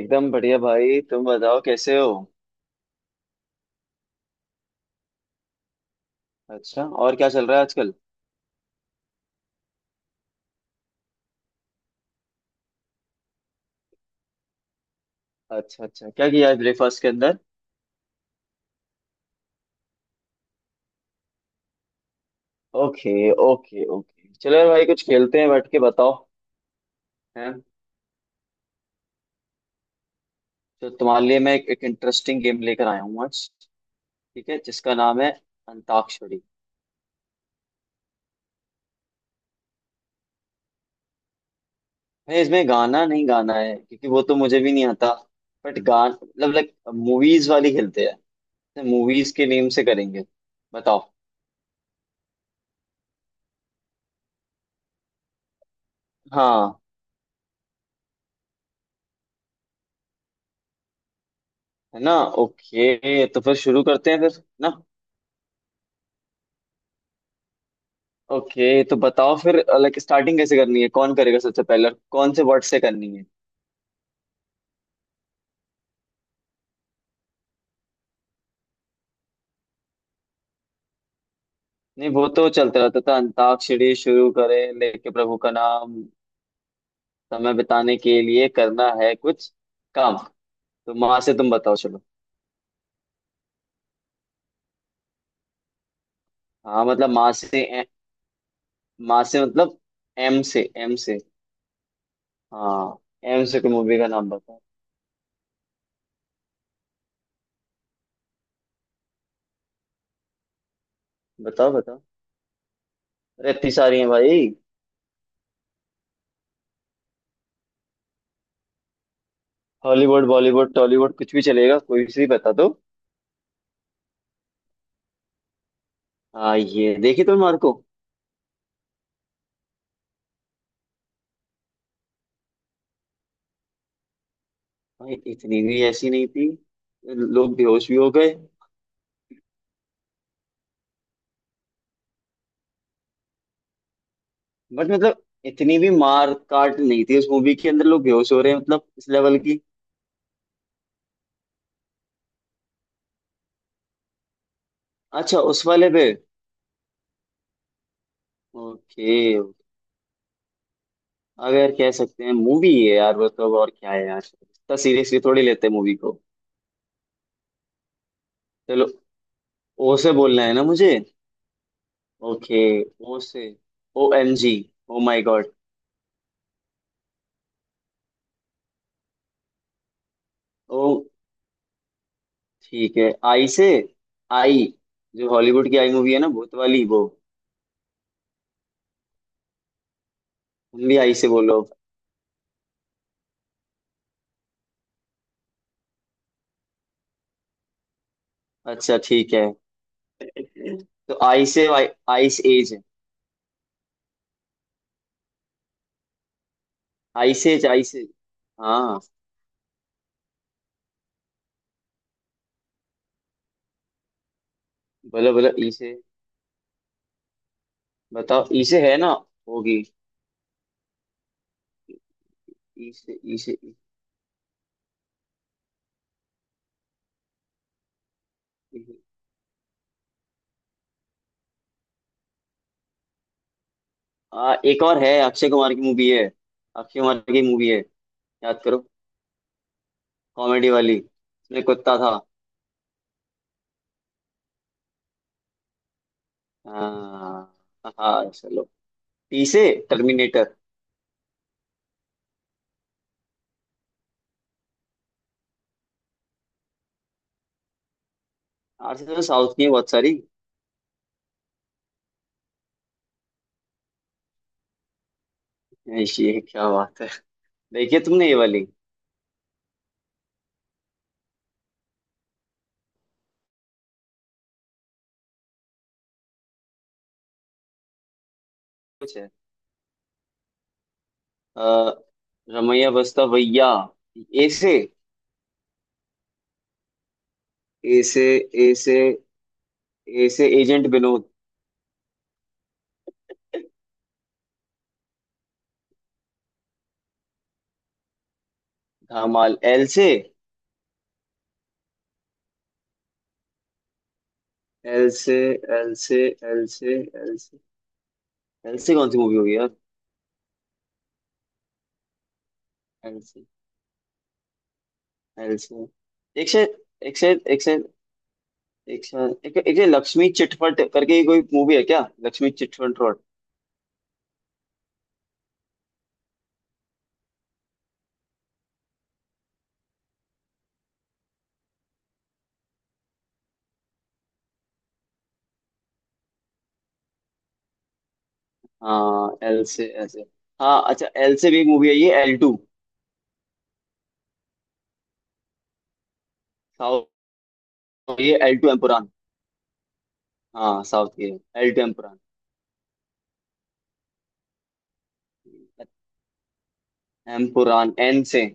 एकदम बढ़िया भाई। तुम बताओ कैसे हो। अच्छा और क्या चल रहा है आजकल। अच्छा अच्छा क्या किया आज ब्रेकफास्ट के अंदर। ओके। ओके ओके चलो यार भाई कुछ खेलते हैं बैठ के बताओ। हैं। तो तुम्हारे लिए मैं एक इंटरेस्टिंग गेम लेकर आया हूँ आज। ठीक है जिसका नाम है अंताक्षरी। भाई इसमें गाना नहीं गाना है क्योंकि वो तो मुझे भी नहीं आता। बट गान मतलब लाइक मूवीज वाली खेलते हैं। मूवीज के नेम से करेंगे। बताओ। हाँ। है ना। ओके तो फिर शुरू करते हैं फिर ना। ओके तो बताओ फिर लाइक स्टार्टिंग कैसे करनी है, कौन करेगा सबसे पहले और कौन से वर्ड से करनी है। नहीं वो तो चलता रहता था, अंताक्षरी शुरू करें लेके प्रभु का नाम। समय बिताने के लिए करना है कुछ काम। तो माँ से तुम बताओ चलो। हाँ मतलब माँ से माँ से मतलब एम से हाँ। एम से कोई मूवी का नाम बताओ। बताओ बताओ। अरे इतनी सारी है भाई। हॉलीवुड बॉलीवुड टॉलीवुड कुछ भी चलेगा कोई से भी बता दो। हाँ ये देखी तुम मार्को। भाई इतनी भी ऐसी नहीं थी। लोग बेहोश भी हो गए। बट मतलब इतनी भी मार काट नहीं थी उस मूवी के अंदर, लोग बेहोश हो रहे हैं मतलब इस लेवल की। अच्छा उस वाले पे। ओके। अगर कह सकते हैं मूवी है यार, मतलब और क्या है यार, इतना सीरियसली थोड़ी लेते हैं मूवी को। चलो। ओ से बोलना है ना मुझे। ओके। ओ से। OMG। O my god. Oh ठीक है। आई से। आई। जो हॉलीवुड की आई मूवी है ना भूत वाली वो। तुम भी आई से बोलो। अच्छा ठीक है। तो आई से वाई आइस एज है। Ice Age Ice Age. हाँ। बोलो बोलो ई से। बताओ ई से है ना। होगी। ई से। ई से। ई से- एक और है अक्षय कुमार की मूवी है। अक्षय कुमार की मूवी है। याद करो। कॉमेडी वाली इसमें कुत्ता था। हाँ। हाँ चलो। टी से। टर्मिनेटर। आर से तो साउथ की है बहुत सारी। ऐश, ये क्या बात है। देखिए तुमने ये वाली। कुछ है। आ, रमैया बस्ता भैया। ए से। ए से। ए से। ए से एजेंट विनोद। धामाल एल से। एल से। एल से। एल से। एल से। एल से कौन सी मूवी होगी यार। एल से। एल से। एक से। एक से। एक से। एक से। एक से लक्ष्मी चिटफट करके कोई मूवी है क्या। लक्ष्मी चिटफट रोड। हाँ एल से ऐसे। हाँ अच्छा एल से भी एक मूवी है ये एल टू। साउथ। ये एल टू एम्पुरान। हाँ साउथ की। L two Empuraan. Empuraan N से अरे।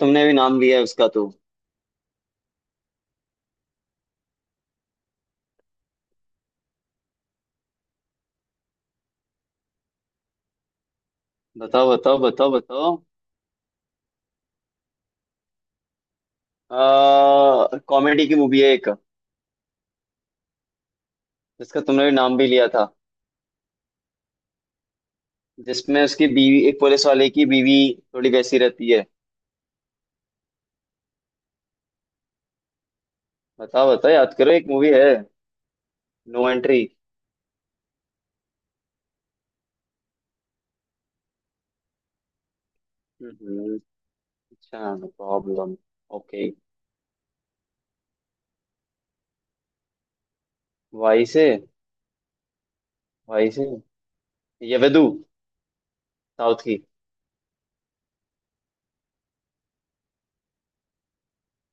तुमने भी नाम लिया है उसका तो। बताओ बताओ बताओ बताओ। कॉमेडी की मूवी है एक, जिसका तुमने भी नाम भी लिया था, जिसमें उसकी बीवी एक पुलिस वाले की बीवी थोड़ी वैसी रहती है। बताओ बताओ याद करो एक मूवी है। No entry. हम्म, अच्छा नो प्रॉब्लम। ओके। वाई से। वाई से ये वेदू। साउथ की।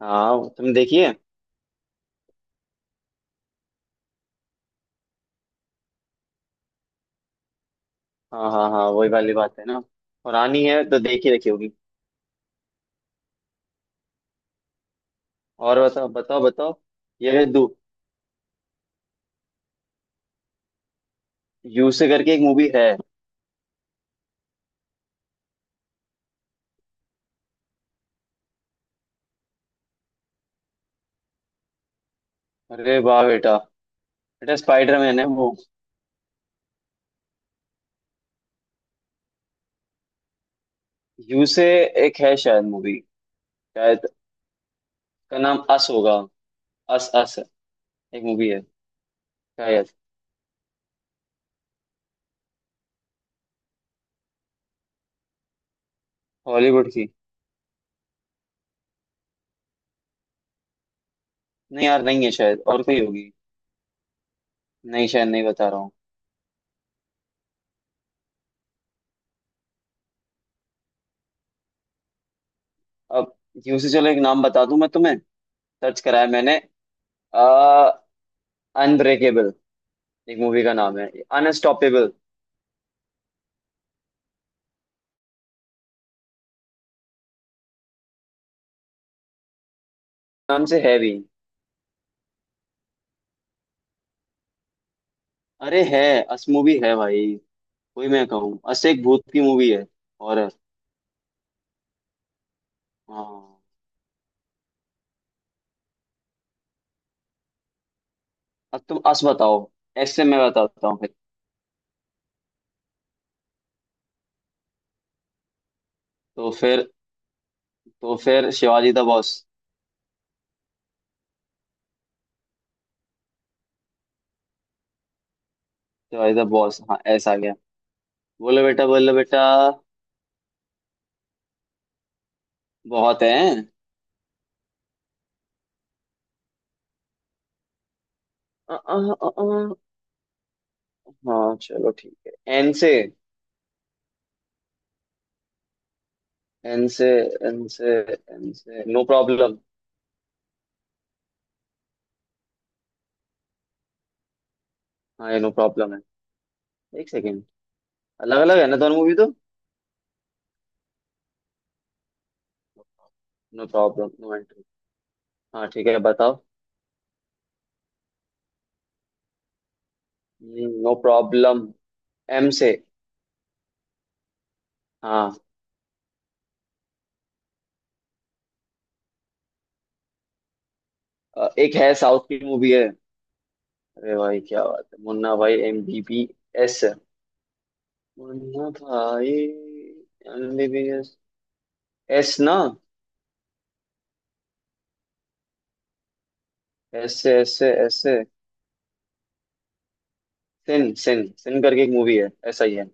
हाँ तुम देखिए। हाँ हाँ हाँ वही वाली बात है ना, पुरानी है तो देख ही रखी होगी। और बताओ बताओ बताओ। ये वेदू। यू से करके एक मूवी है। अरे वाह बेटा। बेटा स्पाइडरमैन है वो। यू से। एक है शायद मूवी। शायद का नाम अस होगा। Us Us. एक मूवी है शायद। हॉलीवुड की। नहीं यार नहीं है शायद, और कोई होगी। नहीं शायद नहीं बता रहा हूँ। अब यू से चलो एक नाम बता दूं मैं तुम्हें, सर्च कराया मैंने। आ, अनब्रेकेबल एक मूवी का नाम है। अनस्टॉपेबल। नाम से है भी। अरे है। अस मूवी है भाई। वही मैं कहूँ अस एक भूत की मूवी है। और हाँ। अब तुम अस बताओ। ऐसे मैं बताता हूँ फिर। तो फिर। तो फिर Shivaji the boss. Shivaji the boss हाँ ऐसा आ गया। बोलो बेटा बोलो बेटा। बहुत है। अ, अ, अ, अ, हाँ चलो ठीक है। एन से। एन से। एन से। एन से नो प्रॉब्लम। हाँ ये नो प्रॉब्लम है। एक सेकेंड। अलग अलग है ना दोनों मूवी तो। No problem no entry. हाँ ठीक है बताओ। No problem. एम से। हाँ। एक है साउथ की मूवी है। अरे भाई क्या बात है मुन्ना भाई MBBS। Munna Bhai M B B S. S ना। S S S. Sin sin sin करके एक मूवी है ऐसा ही है।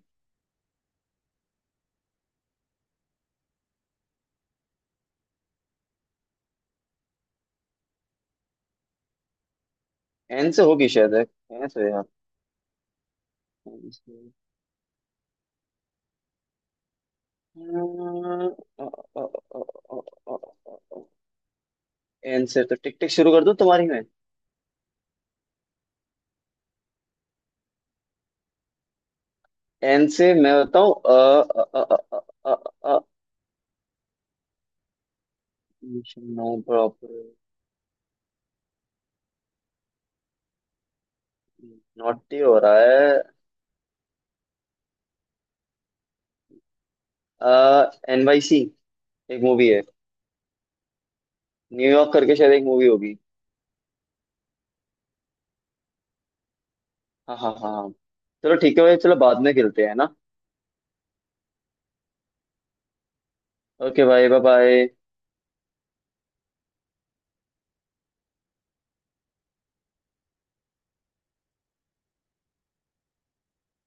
एन से होगी शायद है। एन से है यार। एन से। एन से तो टिक टिक शुरू कर दूं तुम्हारी में। एन से मैं बताऊं। अ नो प्रॉपर। नॉटी हो रहा है। NYC एक मूवी है। न्यूयॉर्क करके शायद एक मूवी होगी। हाँ हाँ हाँ हाँ। चलो ठीक है भाई चलो बाद में खेलते हैं ना। ओके भाई बाय बाय।